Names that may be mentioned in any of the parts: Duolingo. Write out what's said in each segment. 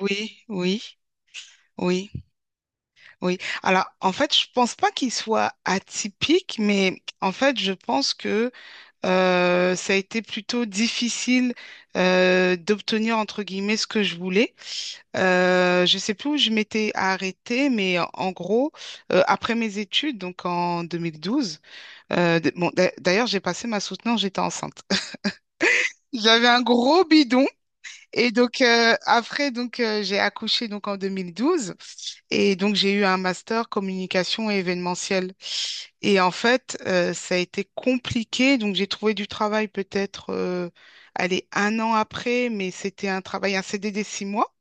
Oui, oui, oui, oui. Alors, en fait, je pense pas qu'il soit atypique, mais en fait, je pense que ça a été plutôt difficile d'obtenir, entre guillemets, ce que je voulais. Je sais plus où je m'étais arrêtée, mais en gros, après mes études, donc en 2012, d'ailleurs, j'ai passé ma soutenance, j'étais enceinte. J'avais un gros bidon. Et donc après donc j'ai accouché donc en 2012, et donc j'ai eu un master communication et événementiel. Et en fait, ça a été compliqué. Donc j'ai trouvé du travail peut-être, allez, 1 an après, mais c'était un travail, un CDD 6 mois.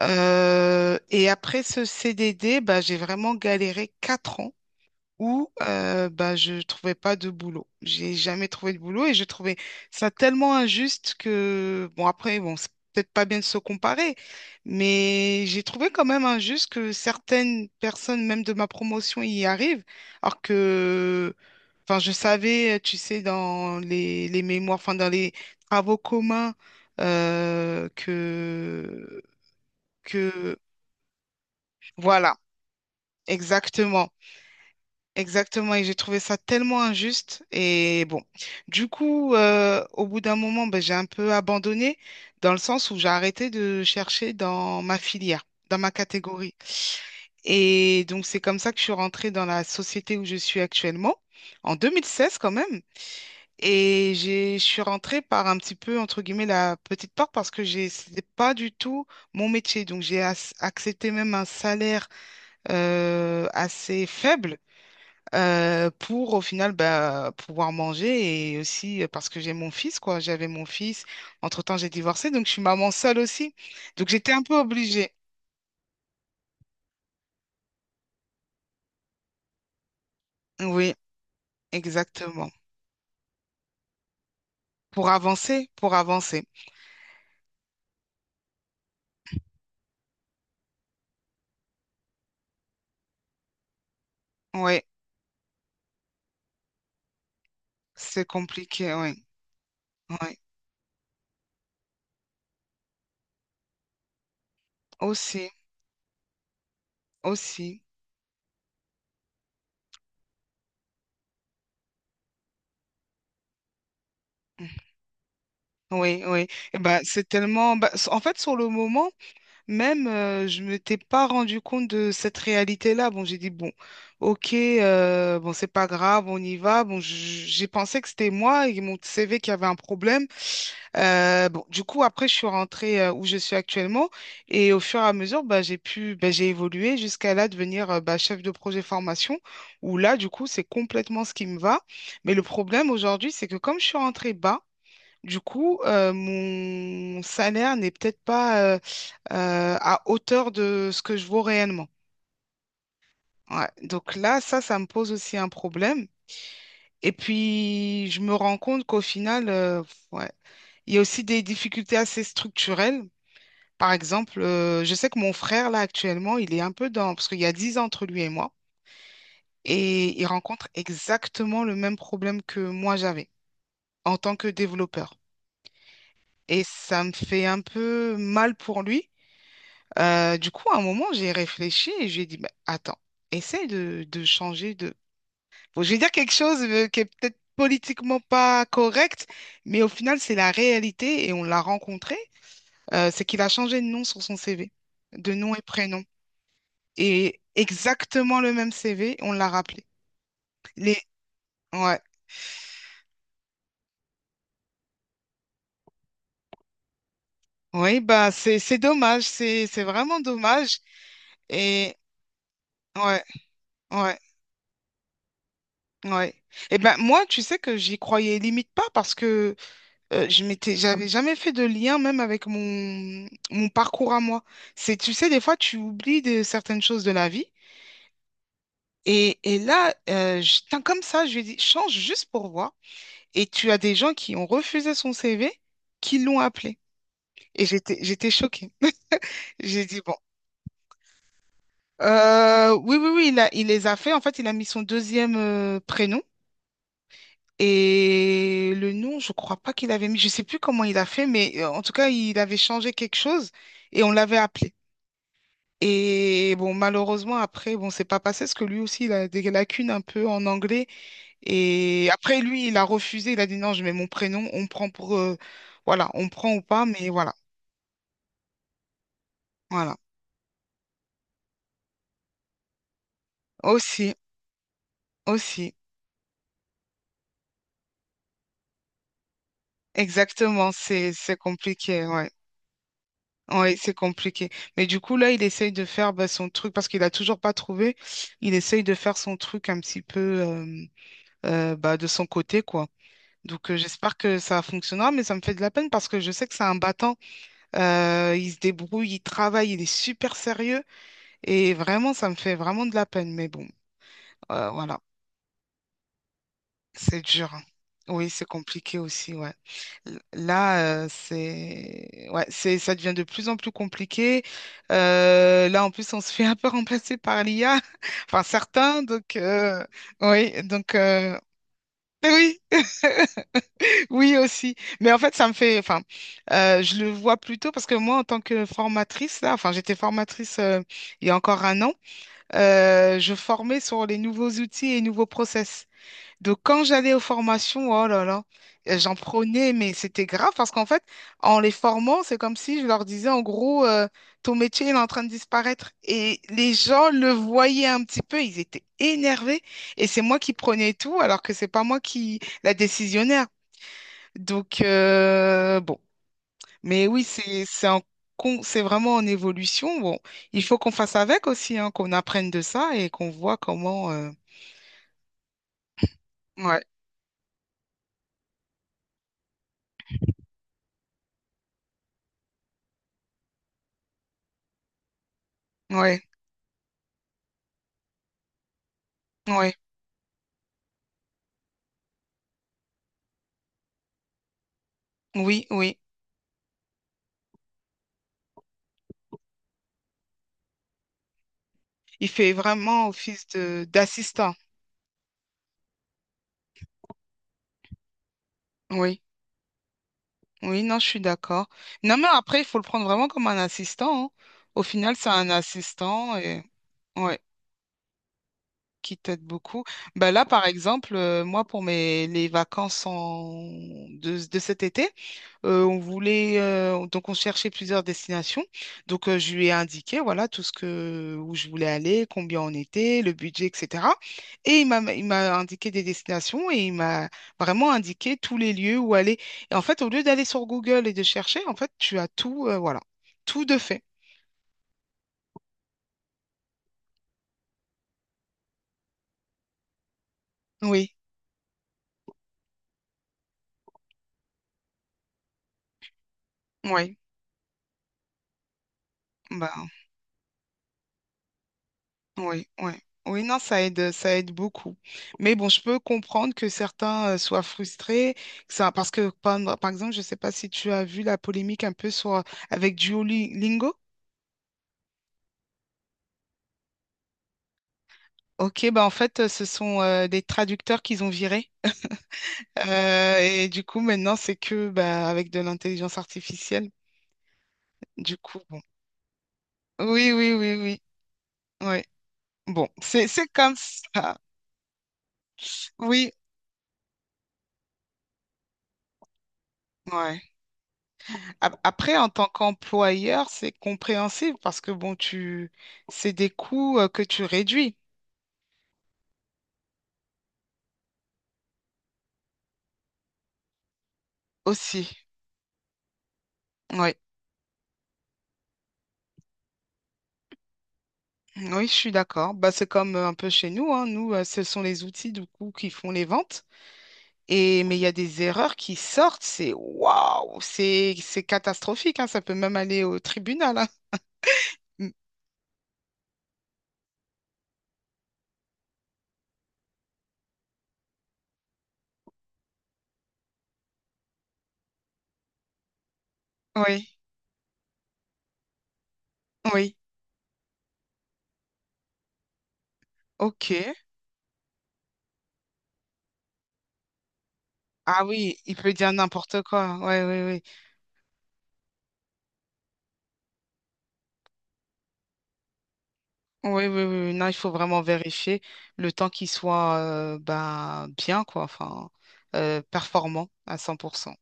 Et après ce CDD, bah, j'ai vraiment galéré 4 ans où bah, je trouvais pas de boulot. J'ai jamais trouvé de boulot et je trouvais ça tellement injuste que, bon, après, bon, c'est peut-être pas bien de se comparer, mais j'ai trouvé quand même injuste que certaines personnes, même de ma promotion, y arrivent, alors que, enfin, je savais, tu sais, dans les mémoires, enfin, dans les travaux communs, euh, que, que, voilà, exactement. Exactement, et j'ai trouvé ça tellement injuste. Et bon, du coup, au bout d'un moment, ben, j'ai un peu abandonné dans le sens où j'ai arrêté de chercher dans ma filière, dans ma catégorie. Et donc, c'est comme ça que je suis rentrée dans la société où je suis actuellement, en 2016 quand même. Je suis rentrée par un petit peu, entre guillemets, la petite porte parce que c'était pas du tout mon métier. Donc, j'ai accepté même un salaire assez faible, pour au final, bah, pouvoir manger et aussi, parce que j'ai mon fils, quoi. J'avais mon fils. Entre-temps, j'ai divorcé, donc je suis maman seule aussi. Donc j'étais un peu obligée. Oui, exactement. Pour avancer, pour avancer. Oui, c'est compliqué, oui. Oui, aussi, aussi. Oui, oui. Et ben, c'est tellement, bah, en fait, sur le moment. Même, je ne m'étais pas rendu compte de cette réalité-là. Bon, j'ai dit, bon, ok, bon, c'est pas grave, on y va. Bon, j'ai pensé que c'était moi et mon CV qui avait un problème. Bon, du coup, après, je suis rentrée où je suis actuellement, et au fur et à mesure, bah, j'ai pu, bah, j'ai évolué jusqu'à là devenir bah, chef de projet formation, où là, du coup, c'est complètement ce qui me va. Mais le problème aujourd'hui, c'est que comme je suis rentrée bas, du coup, mon salaire n'est peut-être pas à hauteur de ce que je vaux réellement. Ouais. Donc là, ça me pose aussi un problème. Et puis, je me rends compte qu'au final, ouais, il y a aussi des difficultés assez structurelles. Par exemple, je sais que mon frère, là, actuellement, il est un peu dans... Parce qu'il y a 10 ans entre lui et moi, et il rencontre exactement le même problème que moi j'avais en tant que développeur. Et ça me fait un peu mal pour lui. Du coup, à un moment, j'ai réfléchi et j'ai dit, bah, attends, essaye de changer de... Bon, je vais dire quelque chose, qui est peut-être politiquement pas correct, mais au final, c'est la réalité et on l'a rencontré. C'est qu'il a changé de nom sur son CV, de nom et prénom. Et exactement le même CV, on l'a rappelé. Les... Ouais. Oui, bah, c'est dommage. C'est vraiment dommage. Et ouais, ouais, ouais. Et ben moi, tu sais que j'y croyais limite pas parce que j'avais jamais fait de lien même avec mon parcours à moi. C'est, tu sais, des fois, tu oublies de certaines choses de la vie. Et là, tiens, comme ça, je lui ai dit, change juste pour voir. Et tu as des gens qui ont refusé son CV, qui l'ont appelé. Et j'étais choquée. J'ai dit, bon, oui, oui, oui, il les a fait. En fait, il a mis son deuxième prénom. Et le nom, je crois pas qu'il avait mis, je sais plus comment il a fait, mais en tout cas, il avait changé quelque chose et on l'avait appelé. Et bon, malheureusement, après, bon, c'est pas passé parce que lui aussi, il a des lacunes un peu en anglais. Et après, lui, il a refusé. Il a dit non, je mets mon prénom, on prend pour, voilà, on prend ou pas, mais voilà. Voilà. Aussi, aussi. Exactement, c'est compliqué, ouais. Ouais, c'est compliqué. Mais du coup, là, il essaye de faire, bah, son truc parce qu'il a toujours pas trouvé. Il essaye de faire son truc un petit peu, bah, de son côté, quoi. Donc, j'espère que ça fonctionnera, mais ça me fait de la peine parce que je sais que c'est un battant. Il se débrouille, il travaille, il est super sérieux. Et vraiment, ça me fait vraiment de la peine. Mais bon, voilà, c'est dur, hein. Oui, c'est compliqué aussi, ouais. Là, ouais, ça devient de plus en plus compliqué. Là, en plus, on se fait un peu remplacer par l'IA, enfin certains. Donc, oui, donc, oui. Oui aussi, mais en fait ça me fait, enfin, je le vois plutôt parce que moi en tant que formatrice là, enfin j'étais formatrice, il y a encore 1 an, je formais sur les nouveaux outils et les nouveaux process. Donc quand j'allais aux formations, oh là là, j'en prenais, mais c'était grave parce qu'en fait en les formant, c'est comme si je leur disais en gros, ton métier il est en train de disparaître, et les gens le voyaient un petit peu, ils étaient énervés, et c'est moi qui prenais tout alors que c'est pas moi qui la décisionnaire. Donc, bon. Mais oui, c'est vraiment en évolution. Bon, il faut qu'on fasse avec aussi, hein, qu'on apprenne de ça et qu'on voit comment. Ouais, ouais, ouais. Oui, oui. Il fait vraiment office de d'assistant. Oui, oui, non, je suis d'accord. Non, mais après, il faut le prendre vraiment comme un assistant, hein. Au final, c'est un assistant et ouais, qui t'aide beaucoup. Ben là, par exemple, moi, pour mes les vacances en... de cet été. On voulait, donc on cherchait plusieurs destinations. Donc, je lui ai indiqué voilà tout ce que où je voulais aller, combien on était, le budget, etc. Et il m'a indiqué des destinations, et il m'a vraiment indiqué tous les lieux où aller. Et en fait, au lieu d'aller sur Google et de chercher, en fait, tu as tout, voilà, tout de fait. Oui, oui. Oui, oui. Oui, non, ça aide beaucoup. Mais bon, je peux comprendre que certains, soient frustrés, que ça, parce que, par exemple, je ne sais pas si tu as vu la polémique un peu sur, avec Duolingo. Ok, bah en fait, ce sont, des traducteurs qu'ils ont virés. Et du coup, maintenant, c'est que, bah, avec de l'intelligence artificielle. Du coup, bon. Oui, oui, oui, oui. Ouais. Bon, c'est comme ça. Oui, ouais. Après, en tant qu'employeur, c'est compréhensible parce que, bon, c'est des coûts, que tu réduis aussi. Oui, oui, je suis d'accord. Bah, c'est comme, un peu chez nous, hein. Nous, ce sont les outils du coup qui font les ventes. Et mais il y a des erreurs qui sortent. C'est waouh, c'est catastrophique, hein. Ça peut même aller au tribunal, hein. Mm. Oui, oui, ok. Ah oui, il peut dire n'importe quoi. Oui, oui, oui, oui, oui, oui. Non, il faut vraiment vérifier le temps qu'il soit, ben, bien, quoi, enfin, performant à 100%.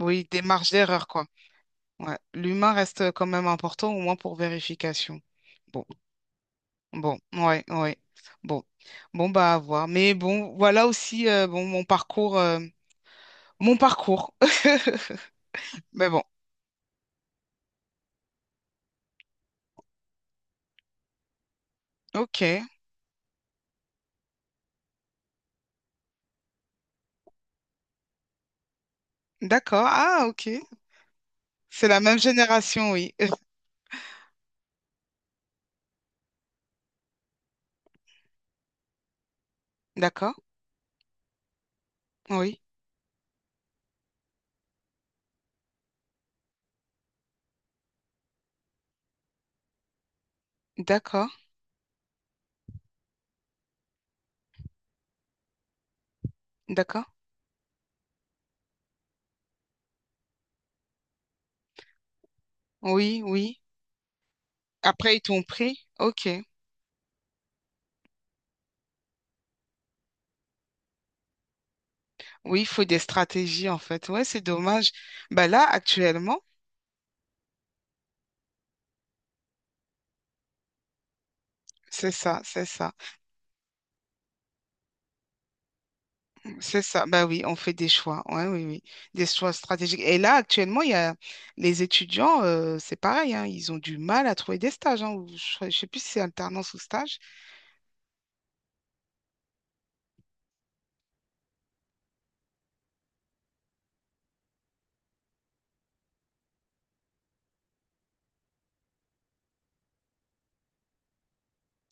Oui, des marges d'erreur, quoi. Ouais. L'humain reste, quand même important, au moins pour vérification. Bon, bon, ouais, ouais. Bon, bon, bah, à voir. Mais bon, voilà aussi, bon, mon parcours. Mon parcours. Mais bon, ok, d'accord. Ah, ok. C'est la même génération, oui. D'accord, oui, d'accord, d'accord. Oui, oui. Après, ils t'ont pris? Ok. Oui, il faut des stratégies en fait. Ouais, c'est dommage. Bah là, actuellement, c'est ça, c'est ça, c'est ça. Bah oui, on fait des choix. Ouais, oui, oui, des choix stratégiques. Et là, actuellement, il y a les étudiants, c'est pareil, hein, ils ont du mal à trouver des stages, hein, ou je ne sais plus si c'est alternance ou stage.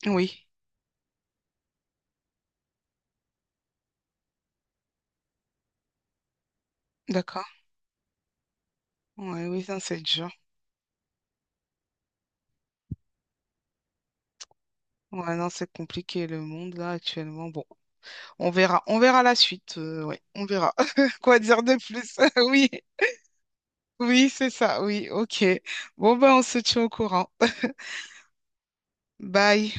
Oui, d'accord. Ouais, oui, ça, c'est dur. Ouais, non, c'est compliqué le monde là actuellement. Bon, on verra la suite. Ouais, on verra. Quoi dire de plus? Oui. Oui, c'est ça. Oui, ok. Bon, ben, on se tient au courant. Bye.